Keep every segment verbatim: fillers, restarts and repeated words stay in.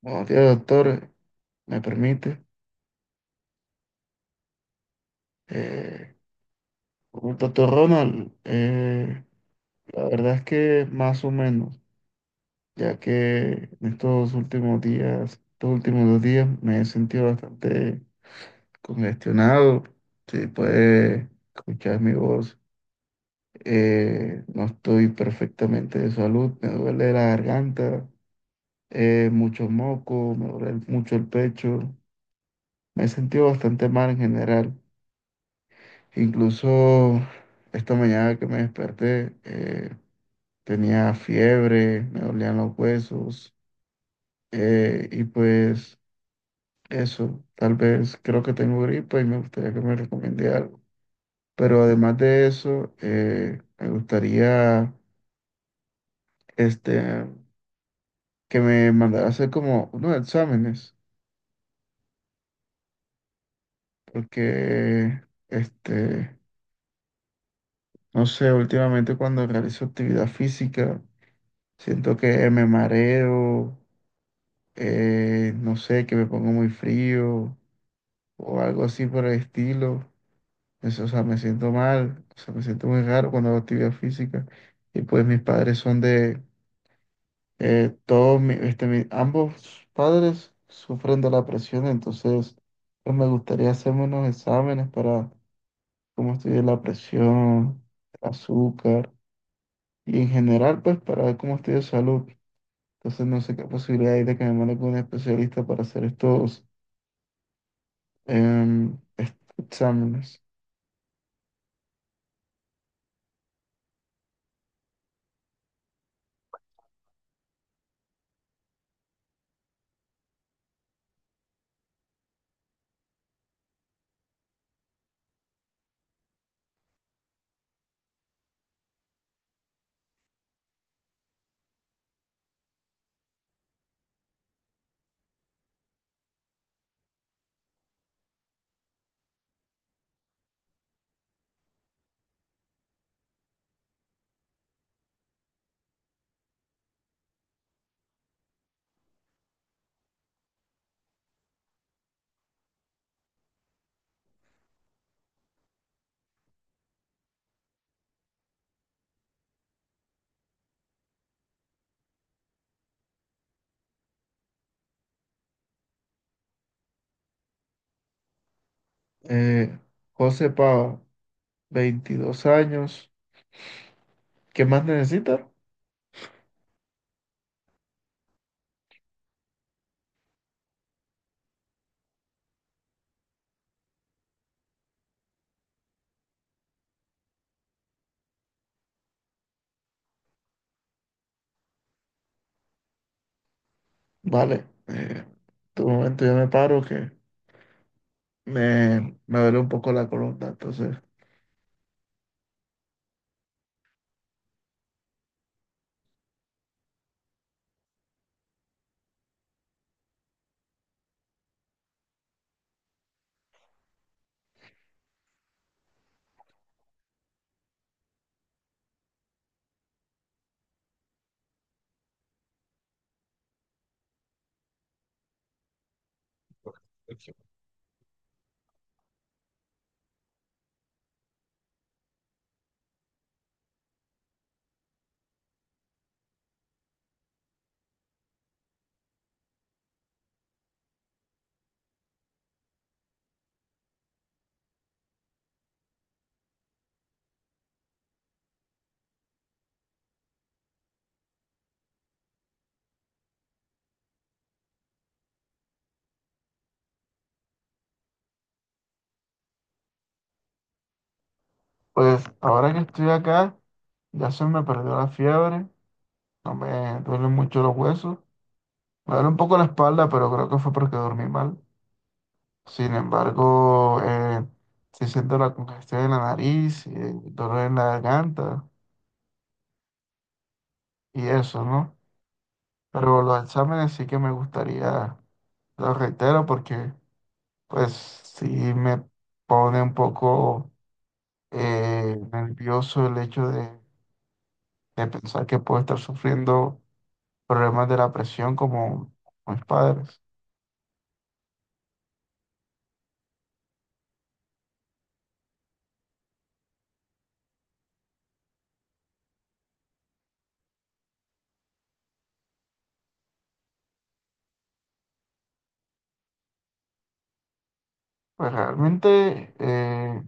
Buenos días, doctor. ¿Me permite? Eh, doctor Ronald, eh, la verdad es que más o menos, ya que en estos últimos días, estos últimos dos días, me he sentido bastante congestionado. Si puede escuchar mi voz, eh, no estoy perfectamente de salud, me duele la garganta, eh, mucho moco, me duele mucho el pecho. Me he sentido bastante mal en general. Incluso esta mañana que me desperté, eh, tenía fiebre, me dolían los huesos, eh, y pues eso, tal vez creo que tengo gripa y me gustaría que me recomiende algo. Pero además de eso, eh, me gustaría este, que me mandara a hacer como unos exámenes, porque este, no sé, últimamente cuando realizo actividad física, siento que me mareo, eh, no sé, que me pongo muy frío o algo así por el estilo. Eso, o sea, me siento mal, o sea, me siento muy raro cuando hago actividad física. Y pues mis padres son de, eh, todos, mi- este, mi- ambos padres sufren de la presión, entonces pues me gustaría hacerme unos exámenes para cómo estoy de la presión, azúcar y en general pues para ver cómo estoy de salud. Entonces no sé qué posibilidad hay de que me mande con un especialista para hacer estos em, est- exámenes. Eh, José Pava, veintidós años. ¿Qué más necesita? Vale. eh, tu momento yo me paro que me, me duele un poco la columna. Entonces, pues ahora que estoy acá, ya se me perdió la fiebre. No me duelen mucho los huesos. Me duele un poco la espalda, pero creo que fue porque dormí mal. Sin embargo, eh, sí siento la congestión en la nariz, eh, dolor en la garganta y eso, ¿no? Pero los exámenes sí que me gustaría, lo reitero, porque pues sí me pone un poco eh, nervioso el hecho de, de pensar que puedo estar sufriendo problemas de la presión como mis padres. Pues realmente, eh,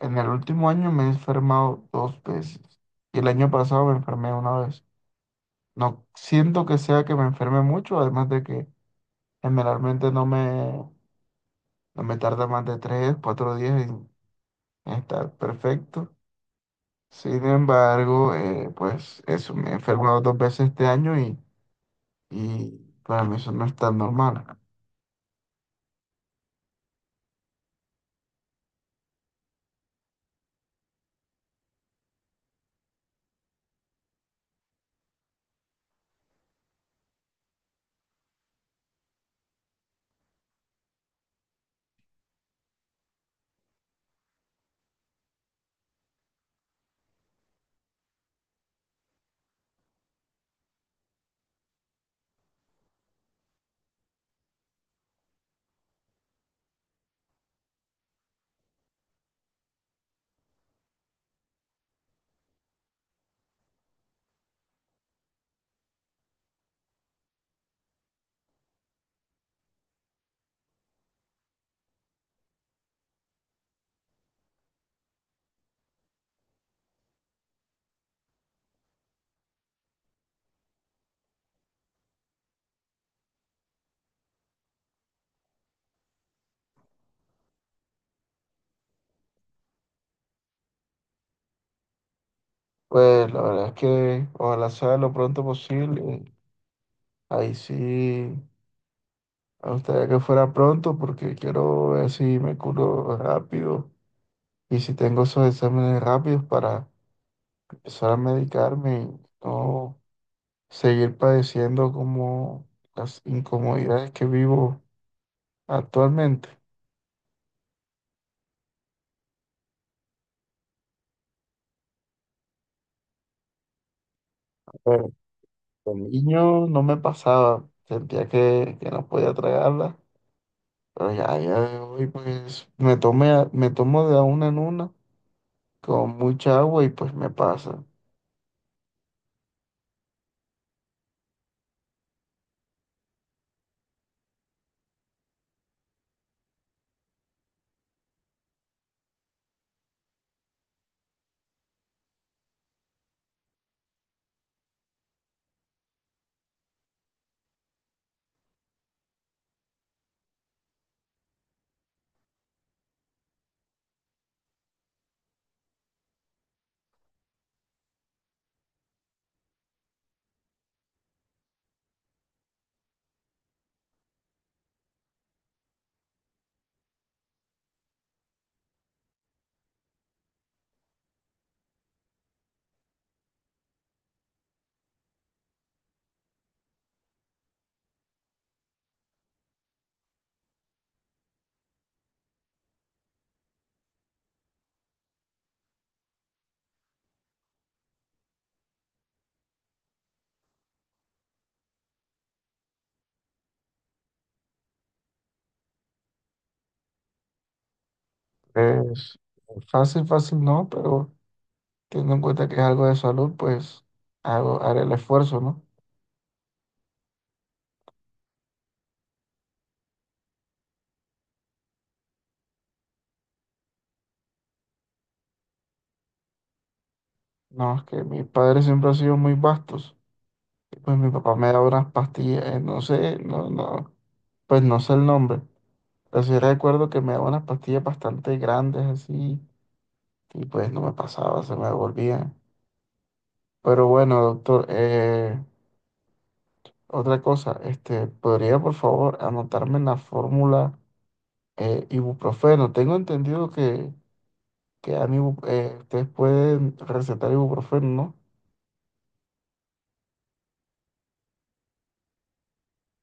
en el último año me he enfermado dos veces y el año pasado me enfermé una vez. No siento que sea que me enferme mucho, además de que generalmente no me, no me tarda más de tres, cuatro días. Está perfecto. Sin embargo, eh, pues eso, me he enfermado dos veces este año, y, y para mí eso no es tan normal. Pues la verdad es que ojalá sea lo pronto posible. Ahí sí, me gustaría que fuera pronto porque quiero ver si me curo rápido y si tengo esos exámenes rápidos para empezar a medicarme y no seguir padeciendo como las incomodidades que vivo actualmente. Con niño no me pasaba, sentía que, que no podía tragarla, pero ya, ya hoy pues me tomé, a- me tomo de a una en una con mucha agua y pues me pasa. Es fácil, fácil no, pero teniendo en cuenta que es algo de salud, pues hago, haré el esfuerzo, ¿no? No, es que mis padres siempre han sido muy vastos, y pues mi papá me daba unas pastillas, eh, no sé, no, no, pues no sé el nombre, pero sí recuerdo que me daba unas pastillas bastante grandes así y pues no me pasaba, se me devolvía. Pero bueno, doctor, eh, otra cosa, este, ¿podría por favor anotarme en la fórmula eh, ibuprofeno? Tengo entendido que, que dan ibu- eh, ustedes pueden recetar ibuprofeno, ¿no?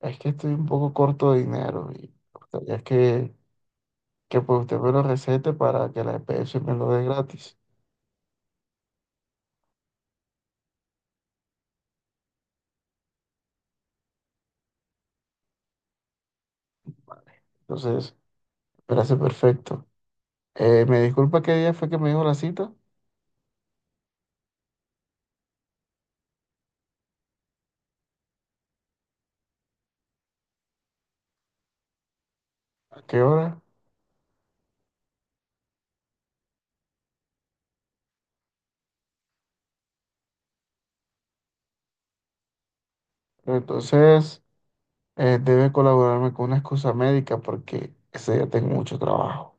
Es que estoy un poco corto de dinero y me gustaría que, que pues usted me lo recete para que la E P S me lo dé gratis. Entonces, me hace perfecto. Eh, ¿me disculpa qué día fue que me dijo la cita? ¿A qué hora? Entonces, eh, debe colaborarme con una excusa médica porque ese día tengo mucho trabajo.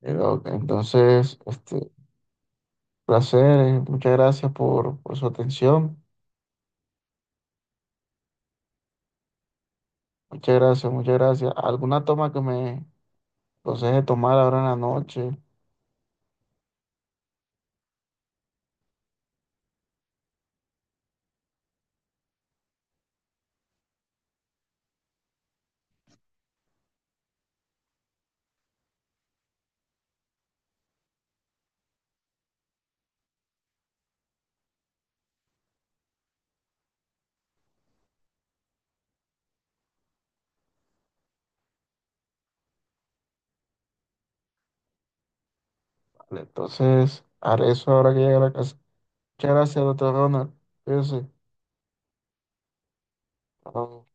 Eh, doc, entonces, este, placer, eh, muchas gracias por, por su atención. Muchas gracias, muchas gracias. ¿Alguna toma que me aconseje tomar ahora en la noche? Vale, entonces, haré eso ahora que llegue a la casa. Muchas gracias, doctor Ronald. Cuídese. Chao.